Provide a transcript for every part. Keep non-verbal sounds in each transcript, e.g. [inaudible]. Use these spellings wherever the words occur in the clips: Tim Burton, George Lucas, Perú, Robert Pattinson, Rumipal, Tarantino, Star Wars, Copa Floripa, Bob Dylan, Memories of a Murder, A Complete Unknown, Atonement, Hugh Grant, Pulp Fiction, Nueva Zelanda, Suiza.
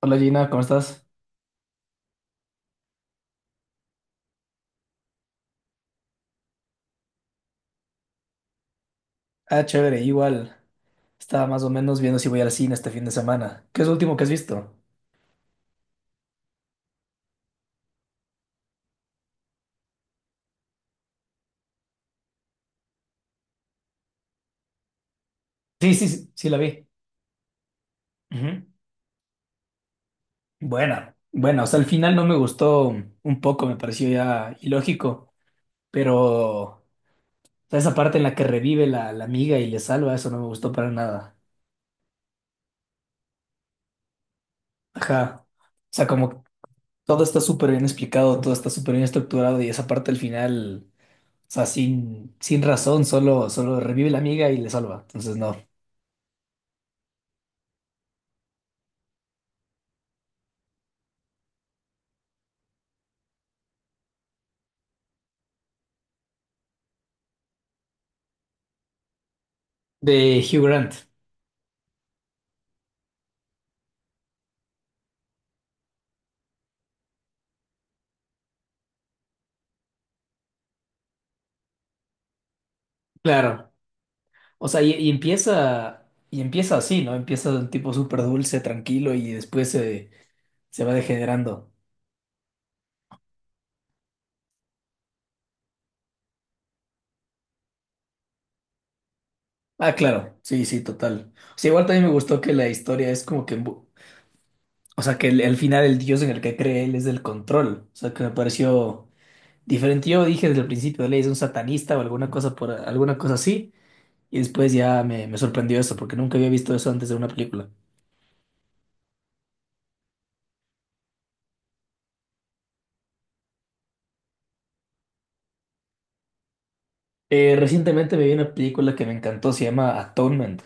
Hola Gina, ¿cómo estás? Ah, chévere, igual. Estaba más o menos viendo si voy al cine este fin de semana. ¿Qué es lo último que has visto? Sí, sí, sí, sí la vi. Ujú. Buena, buena. O sea, al final no me gustó un poco, me pareció ya ilógico, pero o sea, esa parte en la que revive la amiga y le salva, eso no me gustó para nada. Ajá. O sea, como todo está súper bien explicado, todo está súper bien estructurado y esa parte al final, o sea, sin razón, solo, solo revive la amiga y le salva. Entonces, no. De Hugh Grant, claro. O sea, y empieza, y empieza así, ¿no? Empieza de un tipo súper dulce, tranquilo, y se va degenerando. Ah, claro, sí, sí, total. O sea, igual también me gustó que la historia es como que, o sea, que al final el dios en el que cree él es del control. O sea, que me pareció diferente. Yo dije desde el principio, él es un satanista o alguna cosa por alguna cosa así, y después me sorprendió eso, porque nunca había visto eso antes de una película. Recientemente me vi una película que me encantó, se llama Atonement.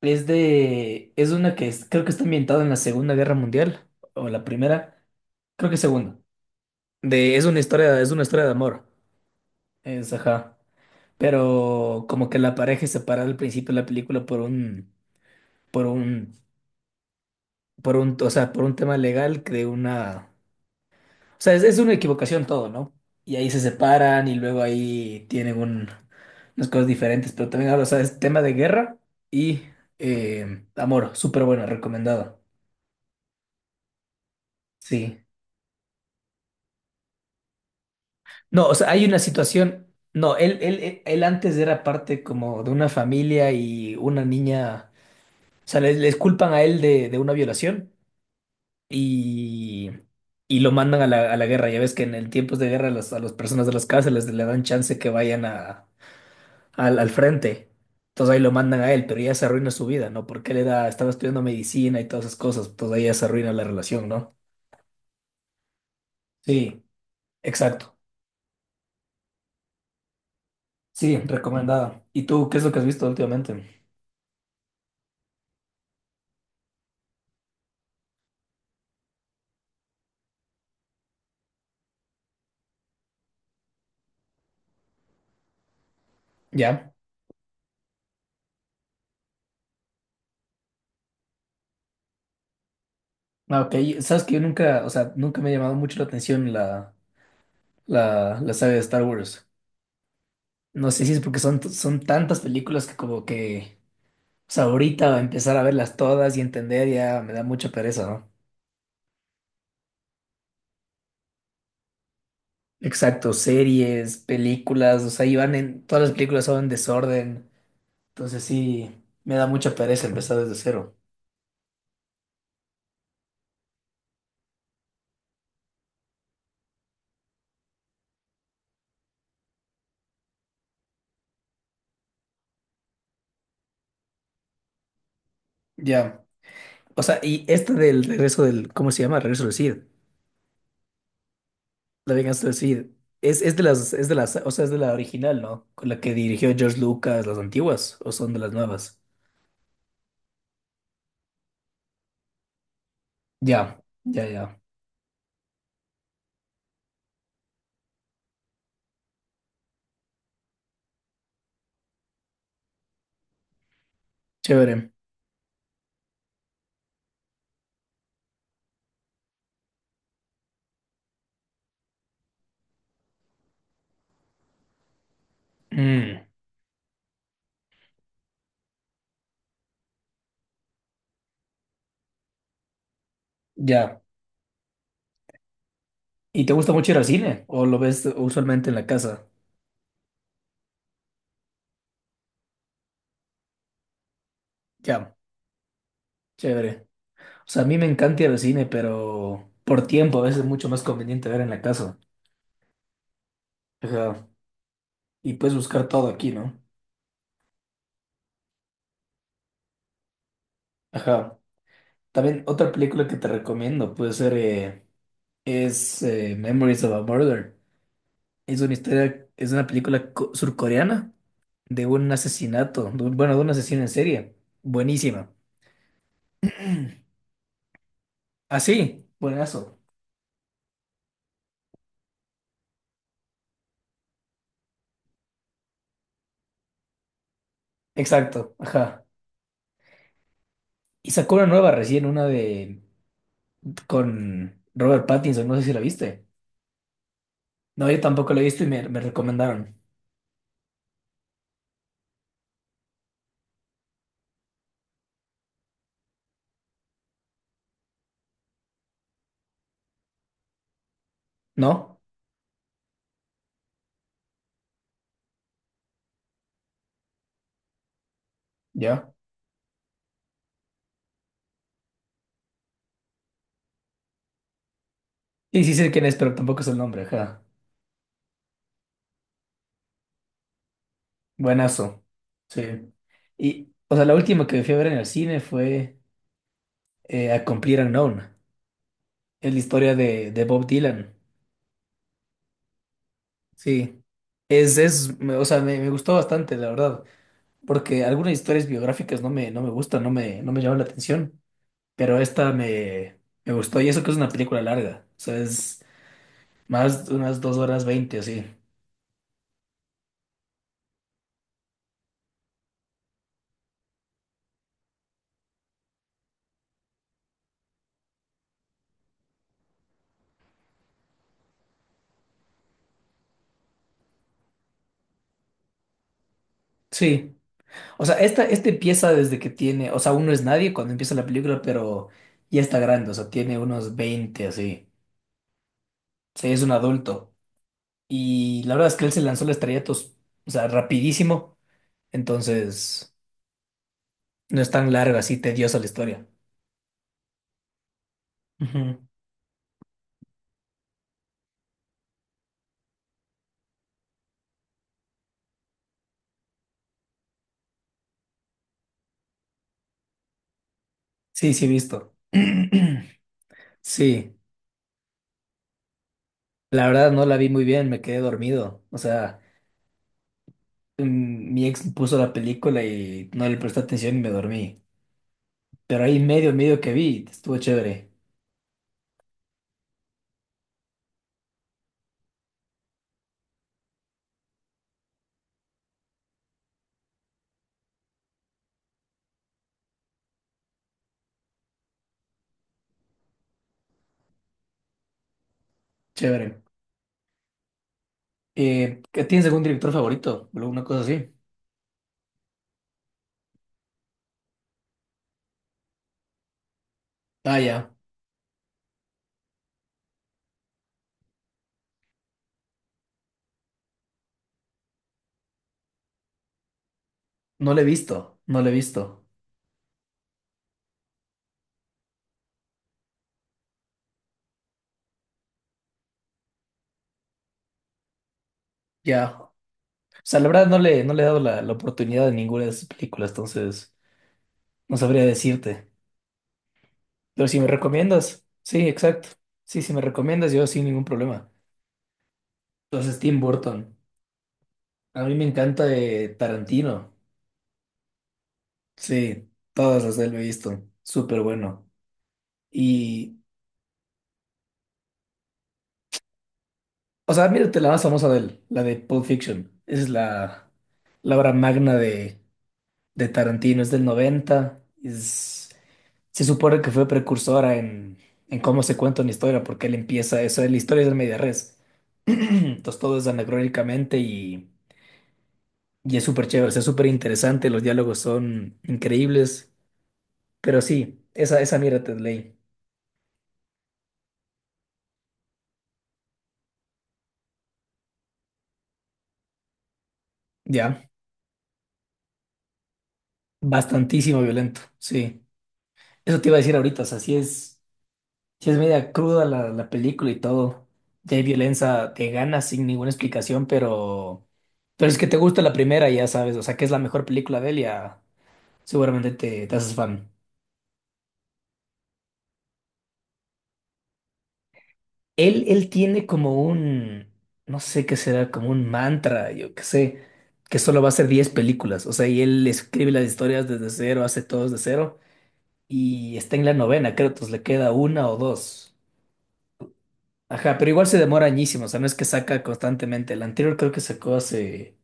Es una creo que está ambientada en la Segunda Guerra Mundial o la primera, creo que segunda. Es una historia, es una historia de amor. Es, ajá. Pero como que la pareja es separada al principio de la película por un, por un, o sea, por un tema legal que de una, o sea, es una equivocación todo, ¿no? Y ahí se separan y luego ahí tienen un, unas cosas diferentes, pero también habla, o sea, es tema de guerra y amor, súper buena, recomendada. Sí. No, o sea, hay una situación. No, él antes era parte como de una familia y una niña. O sea, les culpan a él de una violación y, y lo mandan a a la guerra. Ya ves que en, el tiempos de guerra a las personas de las cárceles le dan chance que vayan a, al frente. Entonces ahí lo mandan a él, pero ya se arruina su vida, ¿no? Porque él era, estaba estudiando medicina y todas esas cosas. Entonces ahí ya se arruina la relación, ¿no? Sí, exacto. Sí, recomendada. ¿Y tú qué es lo que has visto últimamente? ¿Ya? Ah, ok. Sabes que yo nunca, o sea, nunca me ha llamado mucho la atención la saga de Star Wars. No sé si es porque son tantas películas que como que, o sea, ahorita empezar a verlas todas y entender ya me da mucha pereza, ¿no? Exacto, series, películas, o sea, todas las películas son en desorden. Entonces sí, me da mucha pereza empezar desde cero. Ya. O sea, y esta del regreso del, ¿cómo se llama? Regreso del Cid. La venganza de Sid. Es de las, o sea, es de la original, ¿no? Con la que dirigió George Lucas, las antiguas, o son de las nuevas. Ya, ya, ya. Chévere. Mm, ya. ¿Y te gusta mucho ir al cine? ¿O lo ves usualmente en la casa? Ya, chévere. O sea, a mí me encanta ir al cine, pero por tiempo a veces es mucho más conveniente ver en la casa. Ajá. Y puedes buscar todo aquí, ¿no? Ajá. También otra película que te recomiendo puede ser, es Memories of a Murder. Es una historia, es una película surcoreana de un asesinato, bueno, de un asesino en serie. Buenísima. [clears throat] Así, buenazo. Exacto, ajá. Y sacó una nueva recién, una de con Robert Pattinson, no sé si la viste. No, yo tampoco la he visto y me recomendaron. ¿No? ¿Ya? Y sí sé quién es, pero tampoco es el nombre, ajá. Buenazo. Sí. Y, o sea, la última que fui a ver en el cine fue A Complete Unknown. Es la historia de Bob Dylan. Sí, o sea, me gustó bastante, la verdad, porque algunas historias biográficas no me, no me gustan, no me, no me llaman la atención, pero me gustó, y eso que es una película larga, o sea, es más de unas 2 horas 20, así. Sí, o sea, este empieza desde que tiene, o sea, uno es nadie cuando empieza la película, pero ya está grande, o sea, tiene unos 20 así, o sea, es un adulto, y la verdad es que él se lanzó al estrellato, o sea, rapidísimo, entonces no es tan larga, así tediosa la historia. Ujú. Sí, sí, he visto. [clears throat] Sí, la verdad no la vi muy bien, me quedé dormido. O sea, mm, mi ex puso la película y no le presté atención y me dormí. Pero ahí medio, medio que vi, estuvo chévere, chévere. ¿Tienes algún director favorito? O ¿Alguna cosa así? Ah, ya, no le he visto, no le he visto. Ya, o sea, la verdad no le, no le he dado la, la oportunidad de ninguna de sus películas, entonces no sabría decirte. Pero si me recomiendas, sí, exacto. Sí, si me recomiendas, yo sin ningún problema. Entonces, Tim Burton. A mí me encanta Tarantino. Sí, todas las de él lo he visto. Súper bueno. Y, o sea, mírate la más famosa de él, la de Pulp Fiction. La obra magna de Tarantino. Es del 90, se supone que fue precursora en cómo se cuenta una historia, porque él empieza eso. La historia es de media res. [clears throat] Entonces, todo es anacrónicamente y es súper chévere. O sea, es súper interesante. Los diálogos son increíbles. Pero sí, esa mierda te leí. Ya, bastantísimo violento, sí. Eso te iba a decir ahorita, o sea, sí es, si es media cruda la, la película y todo. Ya hay violencia de ganas sin ninguna explicación, pero es que te gusta la primera, ya sabes, o sea, que es la mejor película de él, ya seguramente te, te haces fan. Él tiene como un, no sé qué será, como un mantra, yo qué sé, que solo va a hacer 10 películas, o sea, y él escribe las historias desde cero, hace todo desde cero. Y está en la novena, creo, entonces le queda una o dos. Ajá, pero igual se demora añísimo, o sea, no es que saca constantemente. El anterior creo que sacó hace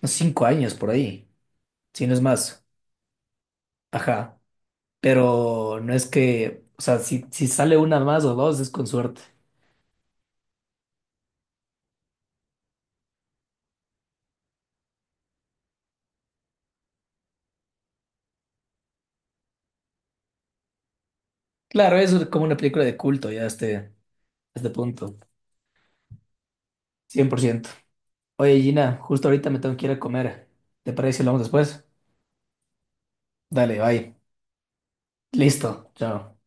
unos 5 años por ahí, si no es más. Ajá, pero no es que, o sea, si, si sale una más o dos es con suerte. Claro, es como una película de culto ya a este punto, 100%. Oye, Gina, justo ahorita me tengo que ir a comer. ¿Te parece si hablamos después? Dale, bye. Listo, chao.